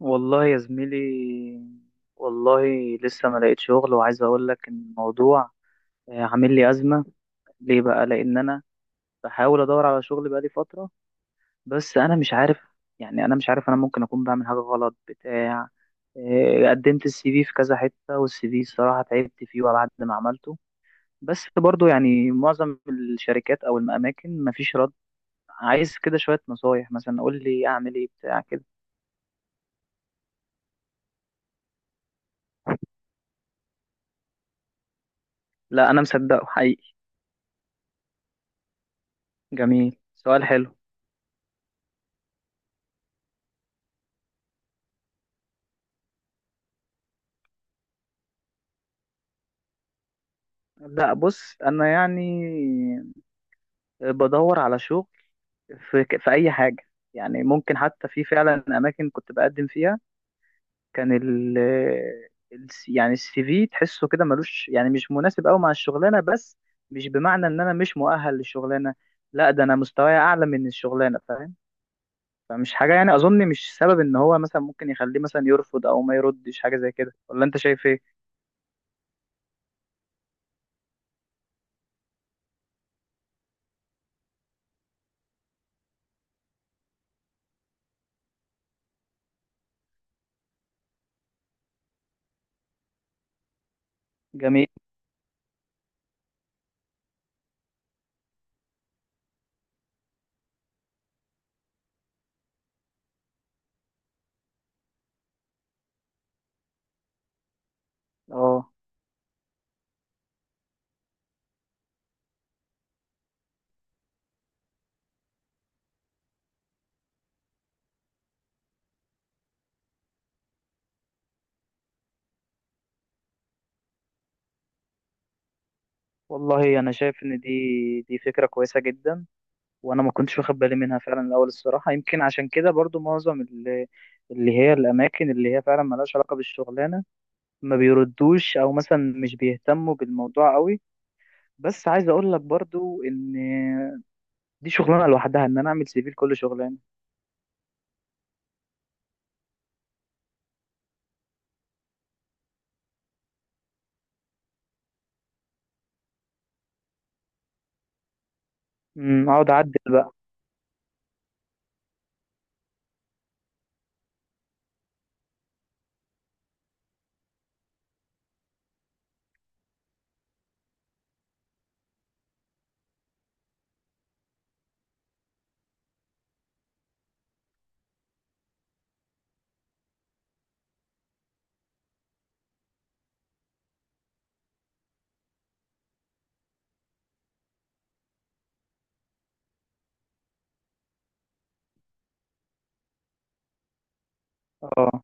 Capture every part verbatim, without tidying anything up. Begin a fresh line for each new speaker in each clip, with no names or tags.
والله يا زميلي، والله لسه ما لقيت شغل، وعايز اقول لك ان الموضوع آه، عامل لي ازمه. ليه بقى؟ لان انا بحاول ادور على شغل بقالي فتره. بس انا مش عارف، يعني انا مش عارف، انا ممكن اكون بعمل حاجه غلط بتاع. آه، قدمت السي في في كذا حته، والسي في الصراحه تعبت فيه بعد ما عملته، بس برضو يعني معظم الشركات او الاماكن مفيش رد. عايز كده شويه نصايح، مثلا قول لي اعمل ايه بتاع كده. لا، انا مصدقه حقيقي. جميل، سؤال حلو. لا، بص، انا يعني بدور على شغل في في اي حاجه. يعني ممكن حتى في فعلا اماكن كنت بقدم فيها، كان ال ال- يعني السي في تحسه كده ملوش، يعني مش مناسب قوي مع الشغلانه، بس مش بمعنى ان انا مش مؤهل للشغلانه، لا، ده انا مستواي اعلى من الشغلانه، فاهم. فمش حاجه يعني، اظن مش سبب ان هو مثلا ممكن يخليه مثلا يرفض او ما يردش حاجه زي كده. ولا انت شايف ايه؟ جميل. اه، والله انا شايف ان دي دي فكره كويسه جدا، وانا ما كنتش واخد بالي منها فعلا الاول الصراحه، يمكن عشان كده برضو معظم اللي, اللي هي الاماكن اللي هي فعلا ملهاش علاقه بالشغلانه ما بيردوش، او مثلا مش بيهتموا بالموضوع قوي. بس عايز اقول لك برضو ان دي شغلانه لوحدها ان انا اعمل سي في لكل شغلانه. امم اقعد اعدل بقى. اه،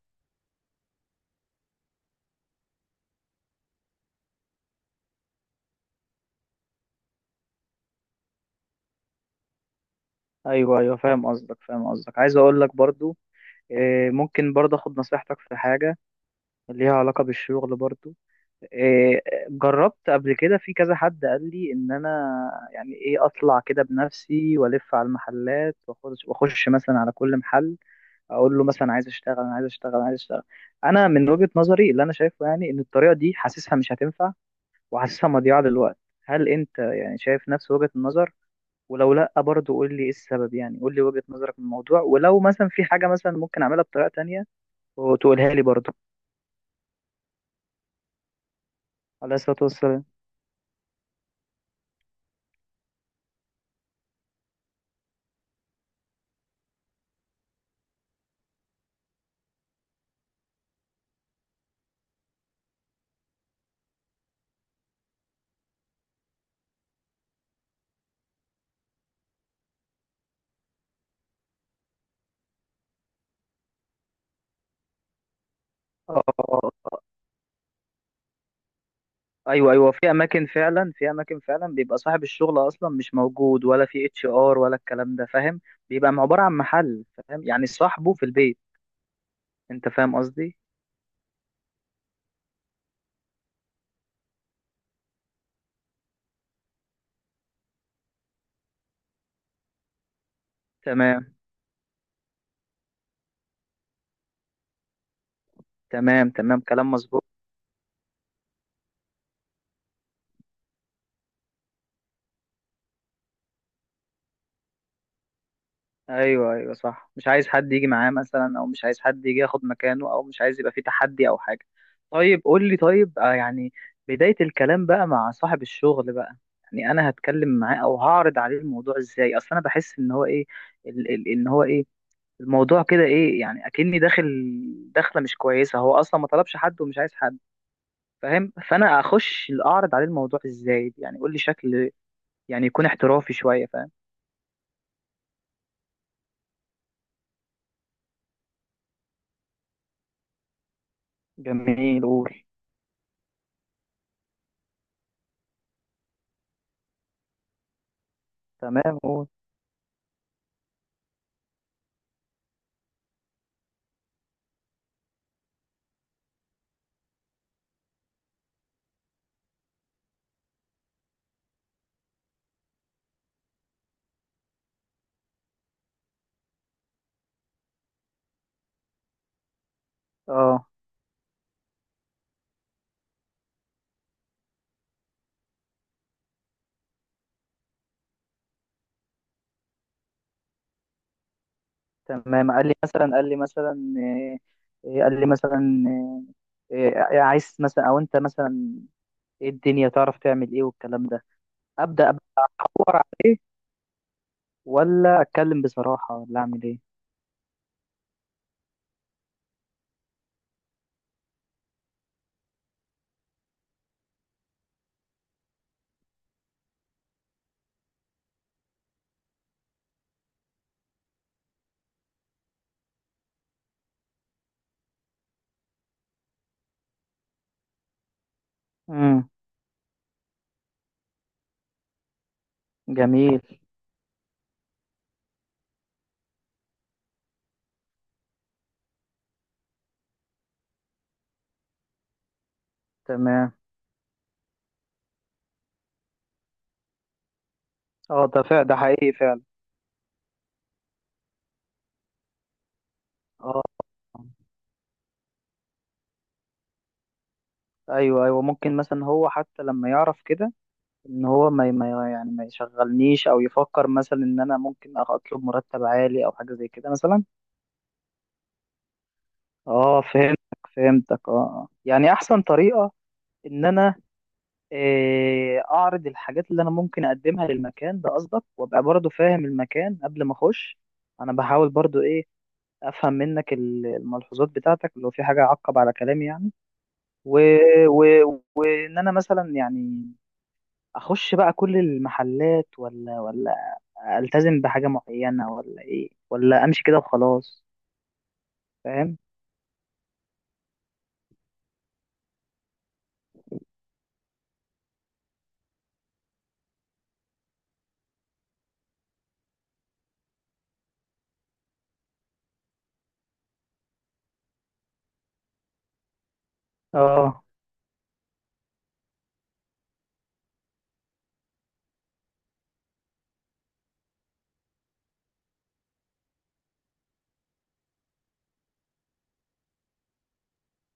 ايوه ايوه، فاهم قصدك فاهم قصدك، عايز اقول لك برضو، آه، ممكن برضو اخد نصيحتك في حاجه ليها علاقه بالشغل برضو. إيه، جربت قبل كده في كذا حد قال لي ان انا يعني ايه اطلع كده بنفسي والف على المحلات، واخش واخش مثلا على كل محل، اقول له مثلا: عايز اشتغل، انا عايز اشتغل، أنا عايز اشتغل. انا من وجهة نظري اللي انا شايفه، يعني ان الطريقة دي حاسسها مش هتنفع، وحاسسها مضيعة للوقت. هل انت يعني شايف نفس وجهة النظر؟ ولو لا، برضه قول لي ايه السبب، يعني قول لي وجهة نظرك من الموضوع، ولو مثلا في حاجة مثلا ممكن اعملها بطريقة تانية وتقولها لي برضه. عليه الصلاة والسلام. اه، ايوه ايوه، في اماكن فعلا، في اماكن فعلا بيبقى صاحب الشغل اصلا مش موجود، ولا في اتش ار ولا الكلام ده، فاهم. بيبقى عباره عن محل، فاهم يعني، صاحبه في البيت. انت فاهم قصدي؟ تمام. تمام تمام، كلام مظبوط. ايوه ايوه، صح، مش عايز حد يجي معاه مثلا، او مش عايز حد يجي ياخد مكانه، او مش عايز يبقى في تحدي او حاجه. طيب قول لي، طيب، آه يعني بدايه الكلام بقى مع صاحب الشغل بقى، يعني انا هتكلم معاه او هعرض عليه الموضوع ازاي؟ اصل انا بحس ان هو ايه، ال- ال- ان هو ايه الموضوع كده ايه، يعني اكني داخل داخله مش كويسه، هو اصلا ما طلبش حد ومش عايز حد، فاهم. فانا اخش اعرض عليه الموضوع ازاي يعني؟ قول لي شكل يعني يكون احترافي شويه، فاهم. جميل، قول. تمام، قول. اه، تمام. قال لي مثلا قال لي مثلا: إيه إيه، قال لي مثلا: إيه إيه، عايز مثلا، او انت مثلا ايه الدنيا، تعرف تعمل ايه والكلام ده. ابدا، ادور عليه ولا اتكلم بصراحه ولا اعمل ايه؟ امم جميل. تمام. اه، ده فعلا، ده حقيقي فعلا. اه، ايوه ايوه، ممكن مثلا هو حتى لما يعرف كده ان هو ما ما- يعني ما يشغلنيش، او يفكر مثلا ان انا ممكن أخ- اطلب مرتب عالي او حاجه زي كده مثلا. اه، فهمتك فهمتك، اه. آه. يعني احسن طريقه ان انا آه، اعرض الحاجات اللي انا ممكن اقدمها للمكان ده، قصدك، وابقى برضو فاهم المكان قبل ما اخش. انا بحاول برضو ايه، افهم منك ال- الملحوظات بتاعتك، لو في حاجه اعقب على كلامي يعني. و... و... ان انا مثلا يعني اخش بقى كل المحلات، ولا ولا التزم بحاجه معينه، ولا ايه، ولا امشي كده وخلاص، فاهم. اه،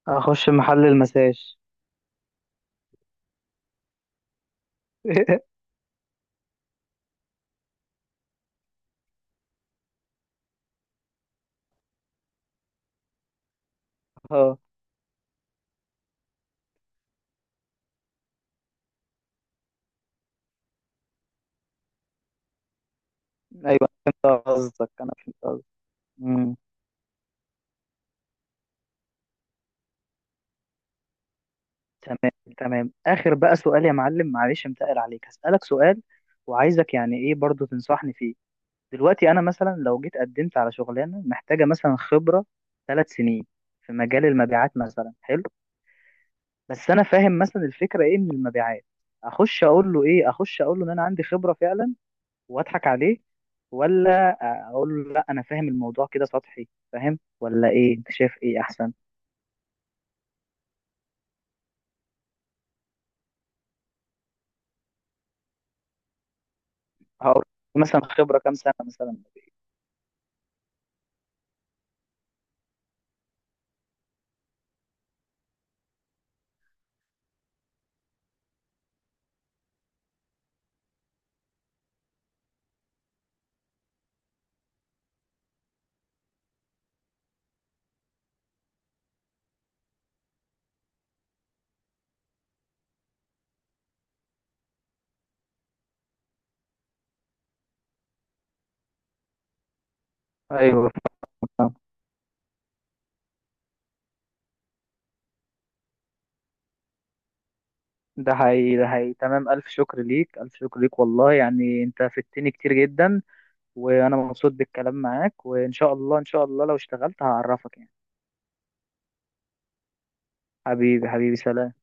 اخش محل المساج. اه، ايوه، فهمت قصدك انا فهمت قصدك. امم تمام تمام. اخر بقى سؤال يا معلم، معلش انتقل عليك، هسألك سؤال وعايزك يعني ايه برضو تنصحني فيه. دلوقتي انا مثلا لو جيت قدمت على شغلانه محتاجه مثلا خبره ثلاث سنين في مجال المبيعات مثلا، حلو، بس انا فاهم مثلا الفكره ايه من المبيعات، اخش اقول له ايه؟ اخش اقول له ان انا عندي خبره فعلا واضحك عليه، ولا اقول له لا انا فاهم الموضوع كده سطحي، فاهم ولا ايه؟ انت شايف ايه احسن؟ هقول له مثلا خبره كام سنه مثلا. ايوه، فاهم. ده حقيقي، ده حقيقي. تمام، الف شكر ليك الف شكر ليك، والله يعني انت فدتني كتير جدا، وانا مبسوط بالكلام معاك، وان شاء الله ان شاء الله لو اشتغلت هعرفك يعني. حبيبي حبيبي، سلام.